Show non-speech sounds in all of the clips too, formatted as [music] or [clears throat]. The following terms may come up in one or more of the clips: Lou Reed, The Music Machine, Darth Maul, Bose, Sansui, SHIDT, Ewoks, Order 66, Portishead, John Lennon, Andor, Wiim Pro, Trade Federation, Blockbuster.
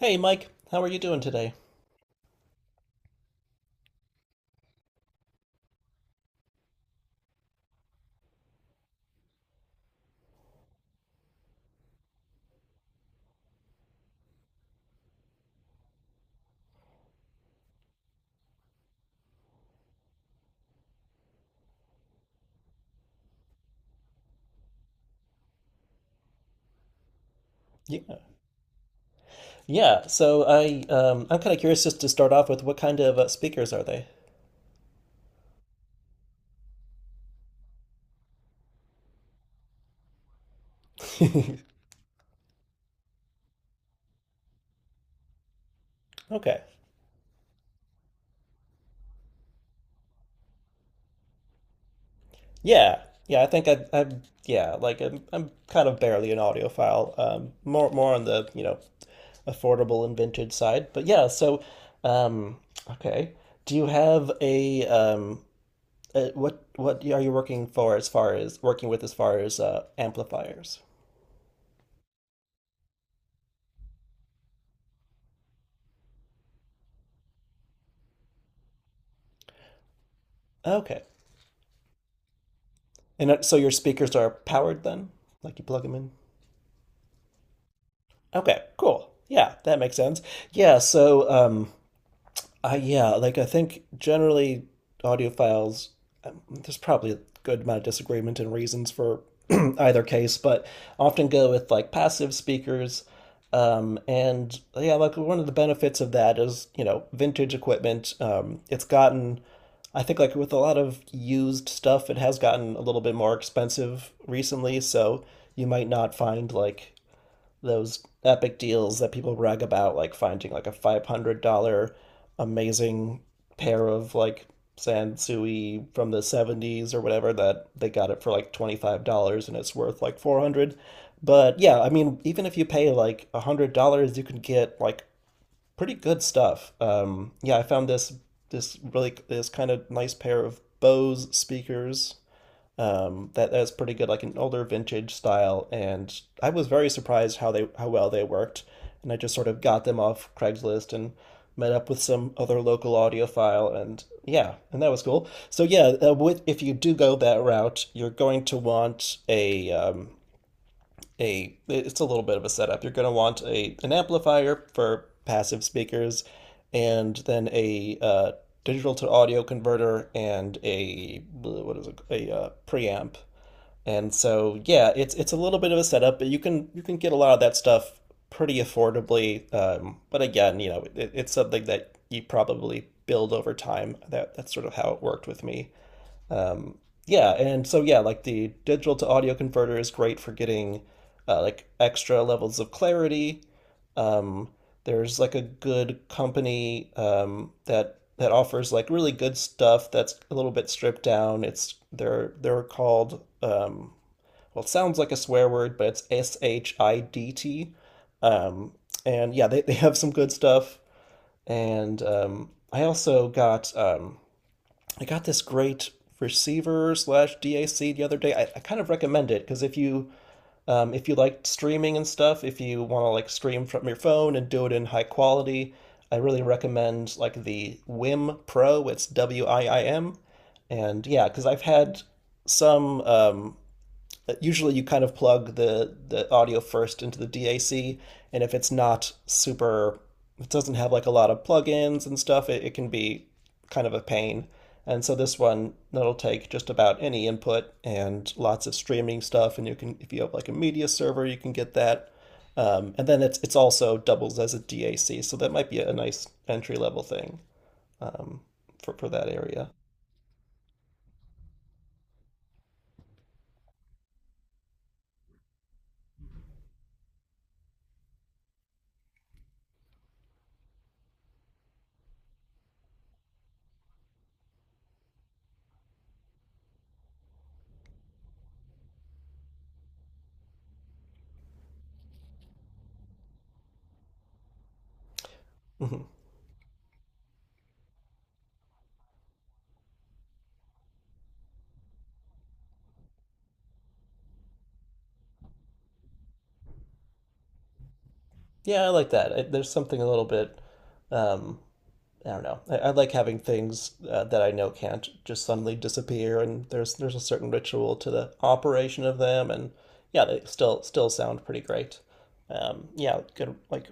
Hey, Mike, how are you doing today? Yeah. So I'm kind of curious just to start off with what kind of speakers are they? [laughs] Okay. Yeah. Yeah, I think I I'm yeah, like I'm kind of barely an audiophile. More on the, you know, affordable and vintage side. But yeah, so um okay. Do you have a what are you working with as far as amplifiers? Okay. And so your speakers are powered then? Like you plug them in? Okay, cool. Yeah, that makes sense. Yeah, so um, yeah, like I think generally audiophiles, there's probably a good amount of disagreement and reasons for [clears throat] either case, but often go with like passive speakers. And yeah, like one of the benefits of that is, you know, vintage equipment. It's gotten, I think, like with a lot of used stuff, it has gotten a little bit more expensive recently. So you might not find like those epic deals that people brag about, like finding like a $500 amazing pair of like Sansui from the 70s or whatever that they got it for like $25 and it's worth like 400 dollars. But yeah, I mean, even if you pay like $100, you can get like pretty good stuff. I found this kind of nice pair of Bose speakers that that's pretty good, like an older vintage style, and I was very surprised how well they worked, and I just sort of got them off Craigslist and met up with some other local audiophile, and yeah, and that was cool. So yeah, if you do go that route, you're going to want a it's a little bit of a setup. You're going to want a an amplifier for passive speakers, and then a digital to audio converter and a preamp, and so, yeah, it's a little bit of a setup, but you can get a lot of that stuff pretty affordably. But again, you know, it's something that you probably build over time. That's sort of how it worked with me. Um, yeah, and so yeah, like the digital to audio converter is great for getting like extra levels of clarity. Um, there's like a good company that offers like really good stuff that's a little bit stripped down. It's — they're called well, it sounds like a swear word, but it's Schiit. Um, and yeah, they have some good stuff. And I also got I got this great receiver slash DAC the other day. I kind of recommend it because if you like streaming and stuff, if you want to like stream from your phone and do it in high quality, I really recommend like the Wim Pro. It's WIIM, and yeah, because I've had some, usually you kind of plug the audio first into the DAC, and if it's not super — it doesn't have like a lot of plugins and stuff, it can be kind of a pain. And so this one — that'll take just about any input and lots of streaming stuff, and you can, if you have like a media server, you can get that. And then it's also doubles as a DAC, so that might be a nice entry level thing um, for that area. hmm Yeah, I like that. There's something a little bit, um, I don't know. I like having things that I know can't just suddenly disappear, and there's a certain ritual to the operation of them, and yeah, they still sound pretty great. Yeah, good. Like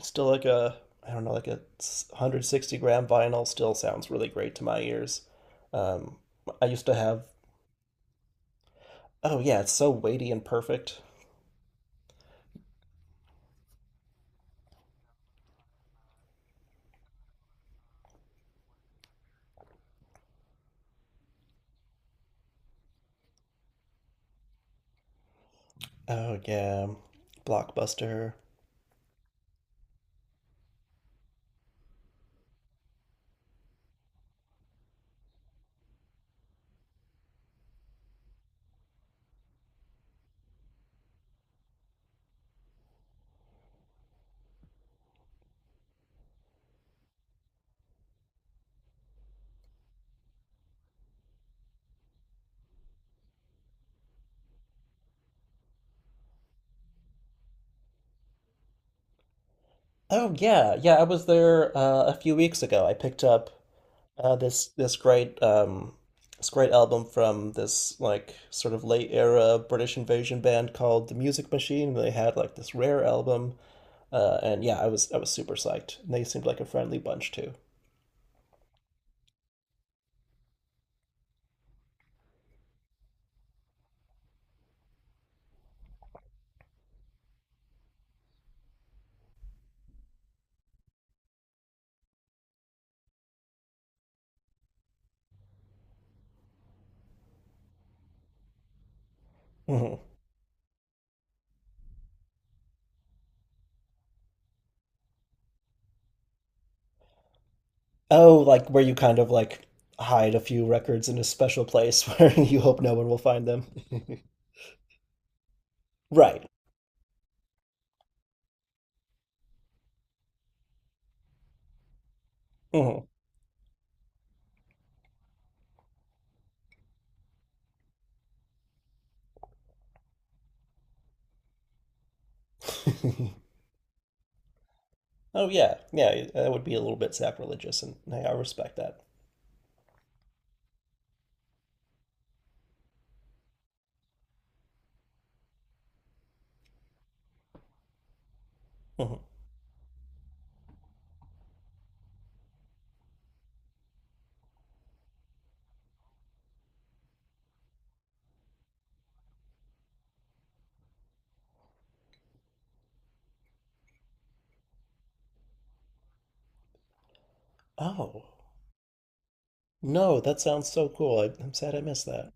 still like a I don't know like a 160 gram vinyl still sounds really great to my ears. Um, I used to have Oh yeah, it's so weighty and perfect. Oh yeah, Blockbuster. Oh yeah, yeah. I was there a few weeks ago. I picked up Uh, this this great um this great album from this like sort of late era British invasion band called The Music Machine. They had like this rare album, and yeah, I was super psyched. And they seemed like a friendly bunch too. hmm Oh, like where you kind of like hide a few records in a special place [laughs] where you hope no one will find them. [laughs] Right. hmm [laughs] Oh yeah, yeah, that would be a little bit sacrilegious, and hey, I respect that. Mhm. Oh no, that sounds so cool. I'm sad I missed that.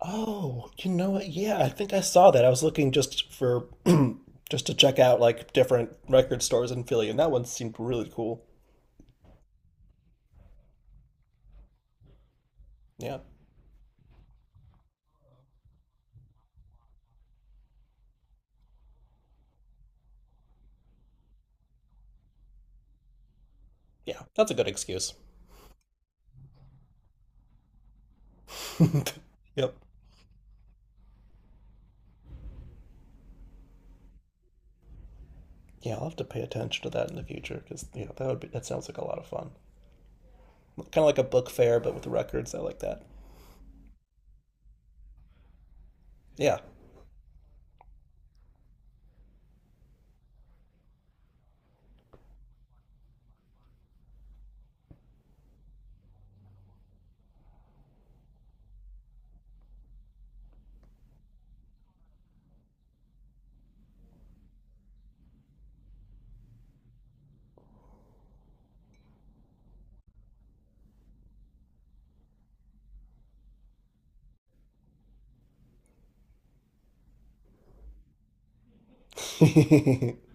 Oh, you know what? Yeah, I think I saw that. I was looking just for [clears throat] just to check out like different record stores in Philly, and that one seemed really cool. Yeah, yeah, that's a good excuse. [laughs] Yep. Yeah, I'll have to pay attention to that in the future because yeah, that would be that sounds like a lot of fun. Kind of like a book fair, but with records. I like that. Yeah. [laughs]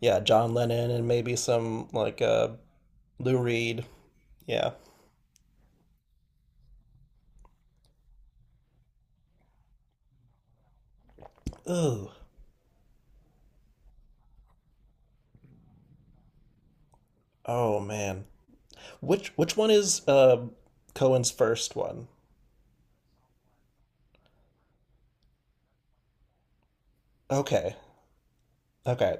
Yeah, John Lennon and maybe some like Lou Reed. Yeah. Ooh. Oh man. Which one is Cohen's first one? Okay. Okay.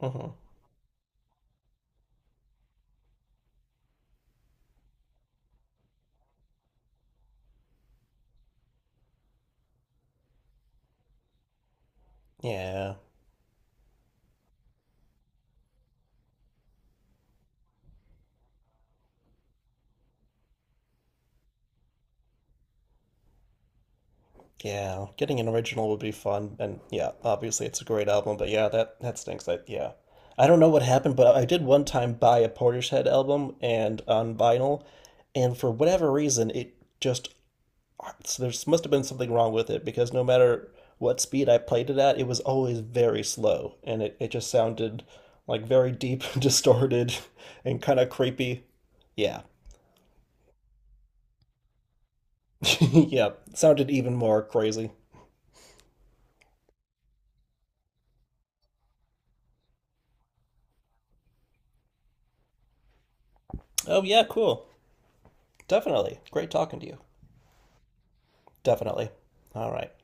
hmm Yeah. Yeah. Getting an original would be fun, and yeah, obviously it's a great album, but yeah, that that stinks. That yeah. I don't know what happened, but I did one time buy a Portishead album and on vinyl, and for whatever reason it just so there must have been something wrong with it because no matter what speed I played it at, it was always very slow, and it just sounded like very deep, [laughs] distorted, and kind of creepy. Yeah, [laughs] yeah, sounded even more crazy. Oh, yeah, cool. Definitely. Great talking to you. Definitely. All right.